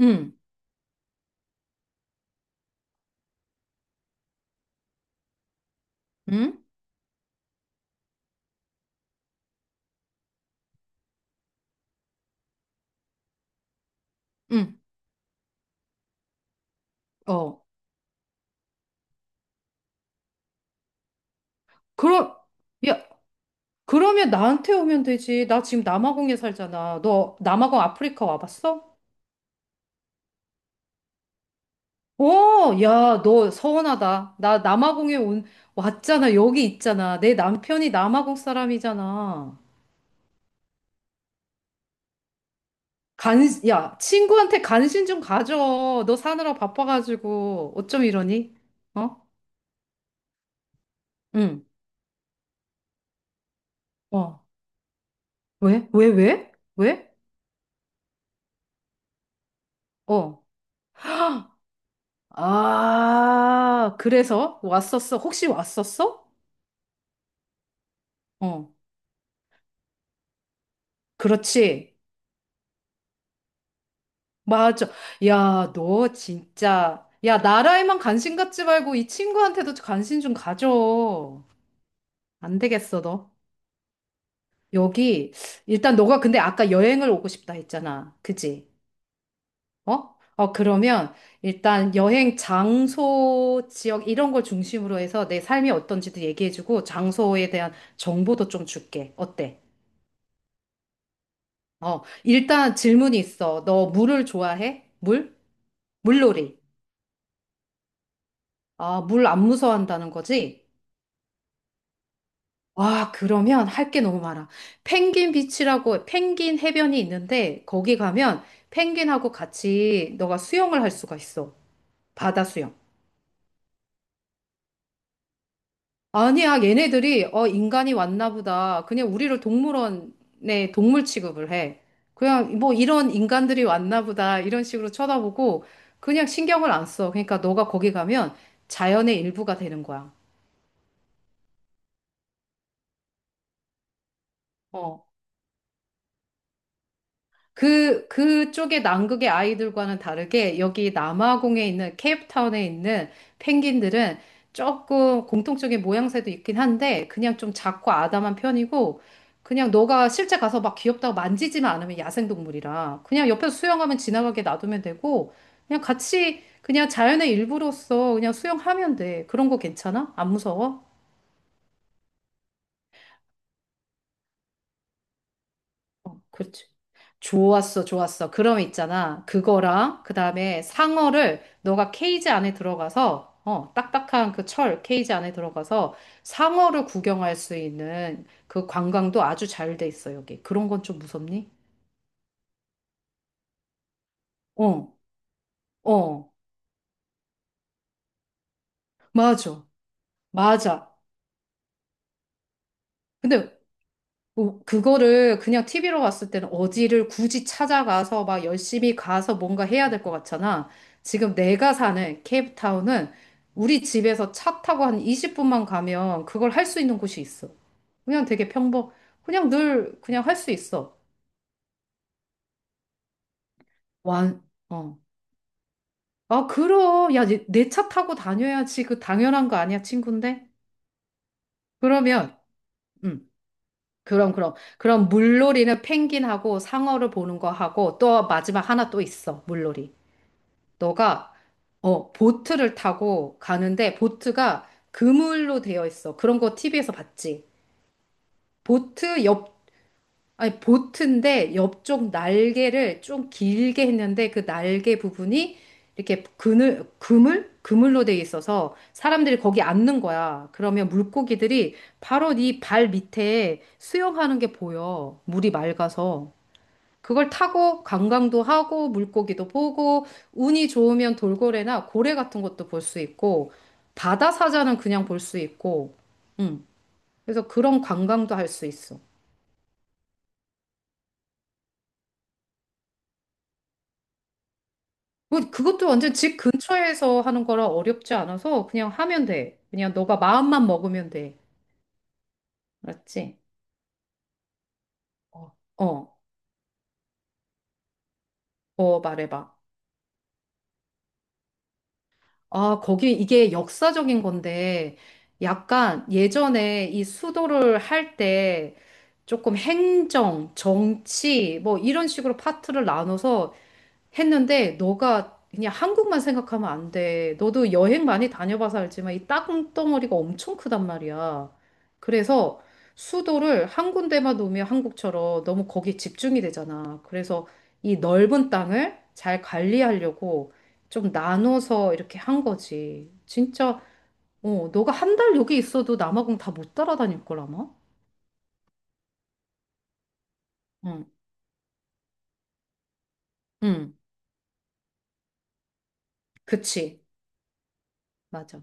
응, 응, 응, 어. 그럼, 야, 그러면 나한테 오면 되지. 나 지금 남아공에 살잖아. 너 남아공 아프리카 와봤어? 어, 야, 너 서운하다. 왔잖아. 여기 있잖아. 내 남편이 남아공 사람이잖아. 간, 야, 친구한테 간신 좀 가져. 너 사느라 바빠가지고. 어쩜 이러니? 어? 응, 어. 왜? 왜, 왜? 왜? 어. 아, 그래서 왔었어? 혹시 왔었어? 어, 그렇지. 맞아. 야, 너 진짜. 야, 나라에만 관심 갖지 말고 이 친구한테도 관심 좀 가져. 안 되겠어, 너. 여기, 일단 너가 근데 아까 여행을 오고 싶다 했잖아. 그지? 어? 어, 그러면 일단 여행 장소, 지역 이런 걸 중심으로 해서 내 삶이 어떤지도 얘기해주고 장소에 대한 정보도 좀 줄게. 어때? 어, 일단 질문이 있어. 너 물을 좋아해? 물? 물놀이. 아, 물 안 무서워한다는 거지? 와, 그러면 할게 너무 많아. 펭귄 비치라고 펭귄 해변이 있는데 거기 가면 펭귄하고 같이 너가 수영을 할 수가 있어. 바다 수영. 아니야, 얘네들이 어, 인간이 왔나 보다. 그냥 우리를 동물원에 동물 취급을 해. 그냥 뭐 이런 인간들이 왔나 보다. 이런 식으로 쳐다보고 그냥 신경을 안 써. 그러니까 너가 거기 가면 자연의 일부가 되는 거야. 어. 그쪽의 남극의 아이들과는 다르게 여기 남아공에 있는 케이프타운에 있는 펭귄들은 조금 공통적인 모양새도 있긴 한데 그냥 좀 작고 아담한 편이고 그냥 너가 실제 가서 막 귀엽다고 만지지만 않으면 야생동물이라 그냥 옆에서 수영하면 지나가게 놔두면 되고 그냥 같이 그냥 자연의 일부로서 그냥 수영하면 돼. 그런 거 괜찮아? 안 무서워? 그렇지. 좋았어, 좋았어. 그럼 있잖아. 그거랑, 그 다음에 상어를 너가 케이지 안에 들어가서, 딱딱한 그 철 케이지 안에 들어가서 상어를 구경할 수 있는 그 관광도 아주 잘 돼 있어, 여기. 그런 건 좀 무섭니? 어, 어, 맞아, 맞아. 근데 뭐, 그거를 그냥 TV로 봤을 때는 어디를 굳이 찾아가서 막 열심히 가서 뭔가 해야 될 것 같잖아. 지금 내가 사는 케이프타운은 우리 집에서 차 타고 한 20분만 가면 그걸 할 수 있는 곳이 있어. 그냥 되게 평범, 그냥 늘 그냥 할 수 있어. 완, 어. 아, 그럼. 야, 내 차 타고 다녀야지. 그 당연한 거 아니야, 친구인데? 그러면, 음, 그럼, 그럼. 그럼 물놀이는 펭귄하고 상어를 보는 거 하고 또 마지막 하나 또 있어, 물놀이. 너가 보트를 타고 가는데 보트가 그물로 되어 있어. 그런 거 TV에서 봤지. 보트 옆, 아니, 보트인데 옆쪽 날개를 좀 길게 했는데 그 날개 부분이 이렇게 그물? 그물로 되어 있어서 사람들이 거기 앉는 거야. 그러면 물고기들이 바로 네 발 밑에 수영하는 게 보여. 물이 맑아서. 그걸 타고 관광도 하고 물고기도 보고 운이 좋으면 돌고래나 고래 같은 것도 볼 수 있고 바다 사자는 그냥 볼 수 있고 음. 그래서 그런 관광도 할 수 있어. 그것도 완전 집 근처에서 하는 거라 어렵지 않아서 그냥 하면 돼. 그냥 너가 마음만 먹으면 돼. 알았지? 어, 어, 어, 말해봐. 아, 거기 이게 역사적인 건데, 약간 예전에 이 수도를 할 때 조금 행정, 정치, 뭐 이런 식으로 파트를 나눠서 했는데 너가 그냥 한국만 생각하면 안 돼. 너도 여행 많이 다녀봐서 알지만 이 땅덩어리가 엄청 크단 말이야. 그래서 수도를 한 군데만 놓으면 한국처럼 너무 거기에 집중이 되잖아. 그래서 이 넓은 땅을 잘 관리하려고 좀 나눠서 이렇게 한 거지. 어, 너가 한 달 여기 있어도 남아공 다 못 따라다닐 걸 아마? 응, 응, 그치. 맞아.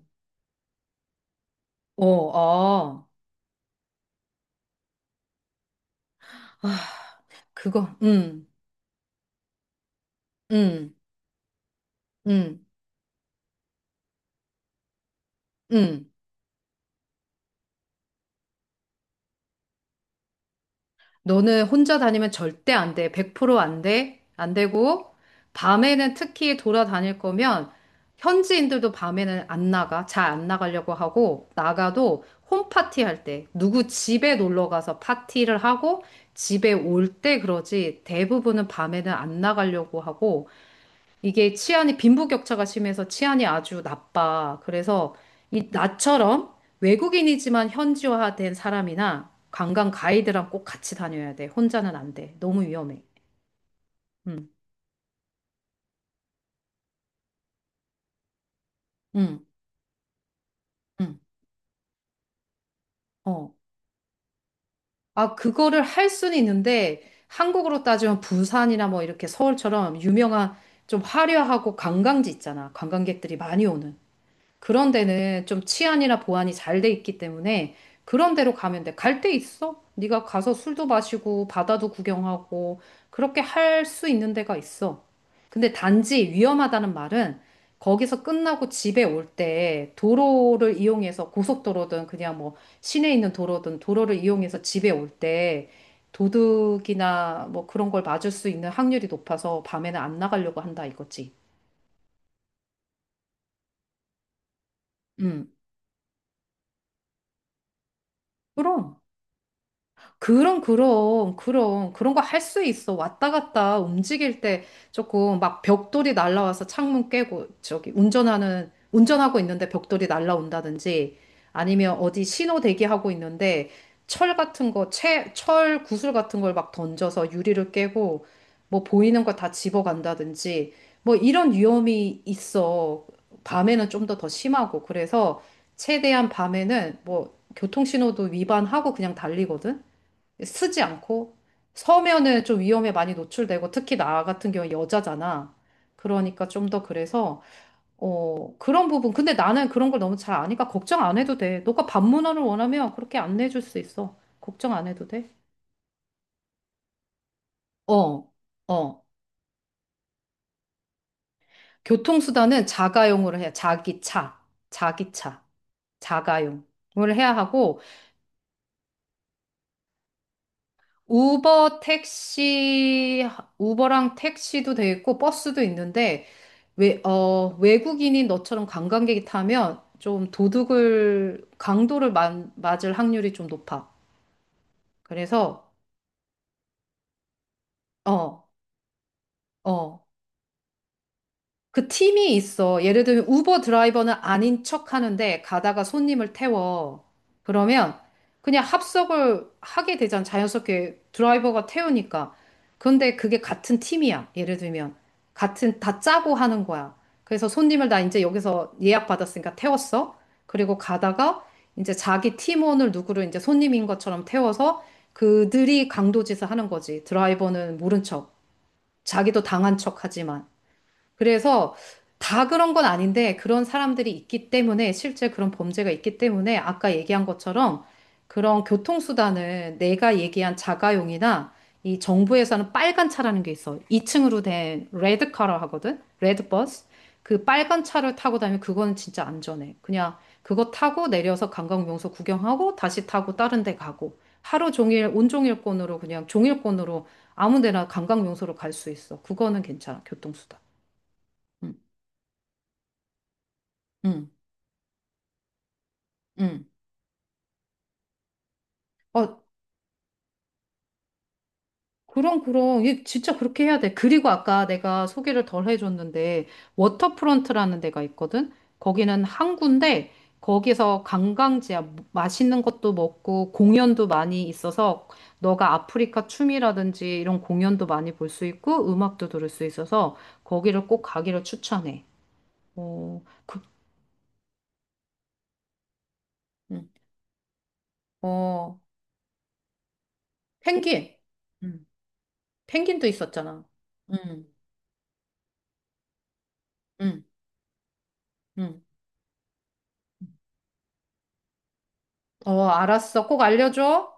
어, 아, 아, 그거, 응, 응. 응, 응. 너는 혼자 다니면 절대 안 돼. 100% 안 돼. 안 되고, 밤에는 특히 돌아다닐 거면, 현지인들도 밤에는 안 나가. 잘 안 나가려고 하고, 나가도 홈파티 할 때, 누구 집에 놀러 가서 파티를 하고, 집에 올 때 그러지, 대부분은 밤에는 안 나가려고 하고, 이게 치안이 빈부격차가 심해서 치안이 아주 나빠. 그래서 이 나처럼 외국인이지만 현지화된 사람이나 관광 가이드랑 꼭 같이 다녀야 돼. 혼자는 안 돼. 너무 위험해. 응, 응, 어. 아, 그거를 할 수는 있는데 한국으로 따지면 부산이나 뭐 이렇게 서울처럼 유명한 좀 화려하고 관광지 있잖아. 관광객들이 많이 오는. 그런 데는 좀 치안이나 보안이 잘 돼 있기 때문에 그런 데로 가면 돼. 갈 데 있어? 네가 가서 술도 마시고 바다도 구경하고 그렇게 할 수 있는 데가 있어. 근데 단지 위험하다는 말은 거기서 끝나고 집에 올 때 도로를 이용해서 고속도로든 그냥 뭐 시내에 있는 도로든 도로를 이용해서 집에 올 때 도둑이나 뭐 그런 걸 맞을 수 있는 확률이 높아서 밤에는 안 나가려고 한다 이거지. 음. 그럼. 그럼, 그럼, 그럼. 그런 거 할 수 있어. 왔다 갔다 움직일 때 조금 막 벽돌이 날라와서 창문 깨고, 저기, 운전하고 있는데 벽돌이 날라온다든지, 아니면 어디 신호 대기하고 있는데, 철 구슬 같은 걸 막 던져서 유리를 깨고, 뭐 보이는 거 다 집어간다든지, 뭐 이런 위험이 있어. 밤에는 좀 더 심하고. 그래서 최대한 밤에는 뭐 교통신호도 위반하고 그냥 달리거든? 쓰지 않고 서면은 좀 위험에 많이 노출되고 특히 나 같은 경우는 여자잖아. 그러니까 좀 더 그래서 그런 부분 근데 나는 그런 걸 너무 잘 아니까 걱정 안 해도 돼. 너가 반문화를 원하면 그렇게 안내해 줄 수 있어. 걱정 안 해도 돼. 어. 어. 교통수단은 자가용으로 해야 자기 차. 자기 차. 자가용을 해야 하고 우버 택시, 우버랑 택시도 돼 있고 버스도 있는데 외국인인 너처럼 관광객이 타면 좀 강도를 맞을 확률이 좀 높아. 그래서, 어, 어. 그 팀이 있어. 예를 들면 우버 드라이버는 아닌 척 하는데 가다가 손님을 태워. 그러면 그냥 합석을 하게 되잖아. 자연스럽게 드라이버가 태우니까. 근데 그게 같은 팀이야. 예를 들면. 같은, 다 짜고 하는 거야. 그래서 손님을 나 이제 여기서 예약 받았으니까 태웠어. 그리고 가다가 이제 자기 팀원을 누구를 이제 손님인 것처럼 태워서 그들이 강도짓을 하는 거지. 드라이버는 모른 척. 자기도 당한 척 하지만. 그래서 다 그런 건 아닌데 그런 사람들이 있기 때문에 실제 그런 범죄가 있기 때문에 아까 얘기한 것처럼 그런 교통수단을 내가 얘기한 자가용이나 이 정부에서는 빨간 차라는 게 있어. 2층으로 된 레드카라 하거든? 레드버스. 그 빨간 차를 타고 다니면 그거는 진짜 안전해. 그냥 그거 타고 내려서 관광 명소 구경하고 다시 타고 다른 데 가고 하루 종일 온종일권으로 그냥 종일권으로 아무 데나 관광 명소로 갈 수 있어. 그거는 괜찮아. 교통수단. 음. 응, 응. 아, 그럼, 그럼. 이게 진짜 그렇게 해야 돼. 그리고 아까 내가 소개를 덜 해줬는데, 워터프론트라는 데가 있거든? 거기는 항구인데, 거기서 관광지야. 뭐, 맛있는 것도 먹고, 공연도 많이 있어서, 너가 아프리카 춤이라든지 이런 공연도 많이 볼 수 있고, 음악도 들을 수 있어서, 거기를 꼭 가기를 추천해. 어, 그, 응. 어, 펭귄. 응. 펭귄도 있었잖아. 응, 응, 응. 어, 알았어. 꼭 알려줘.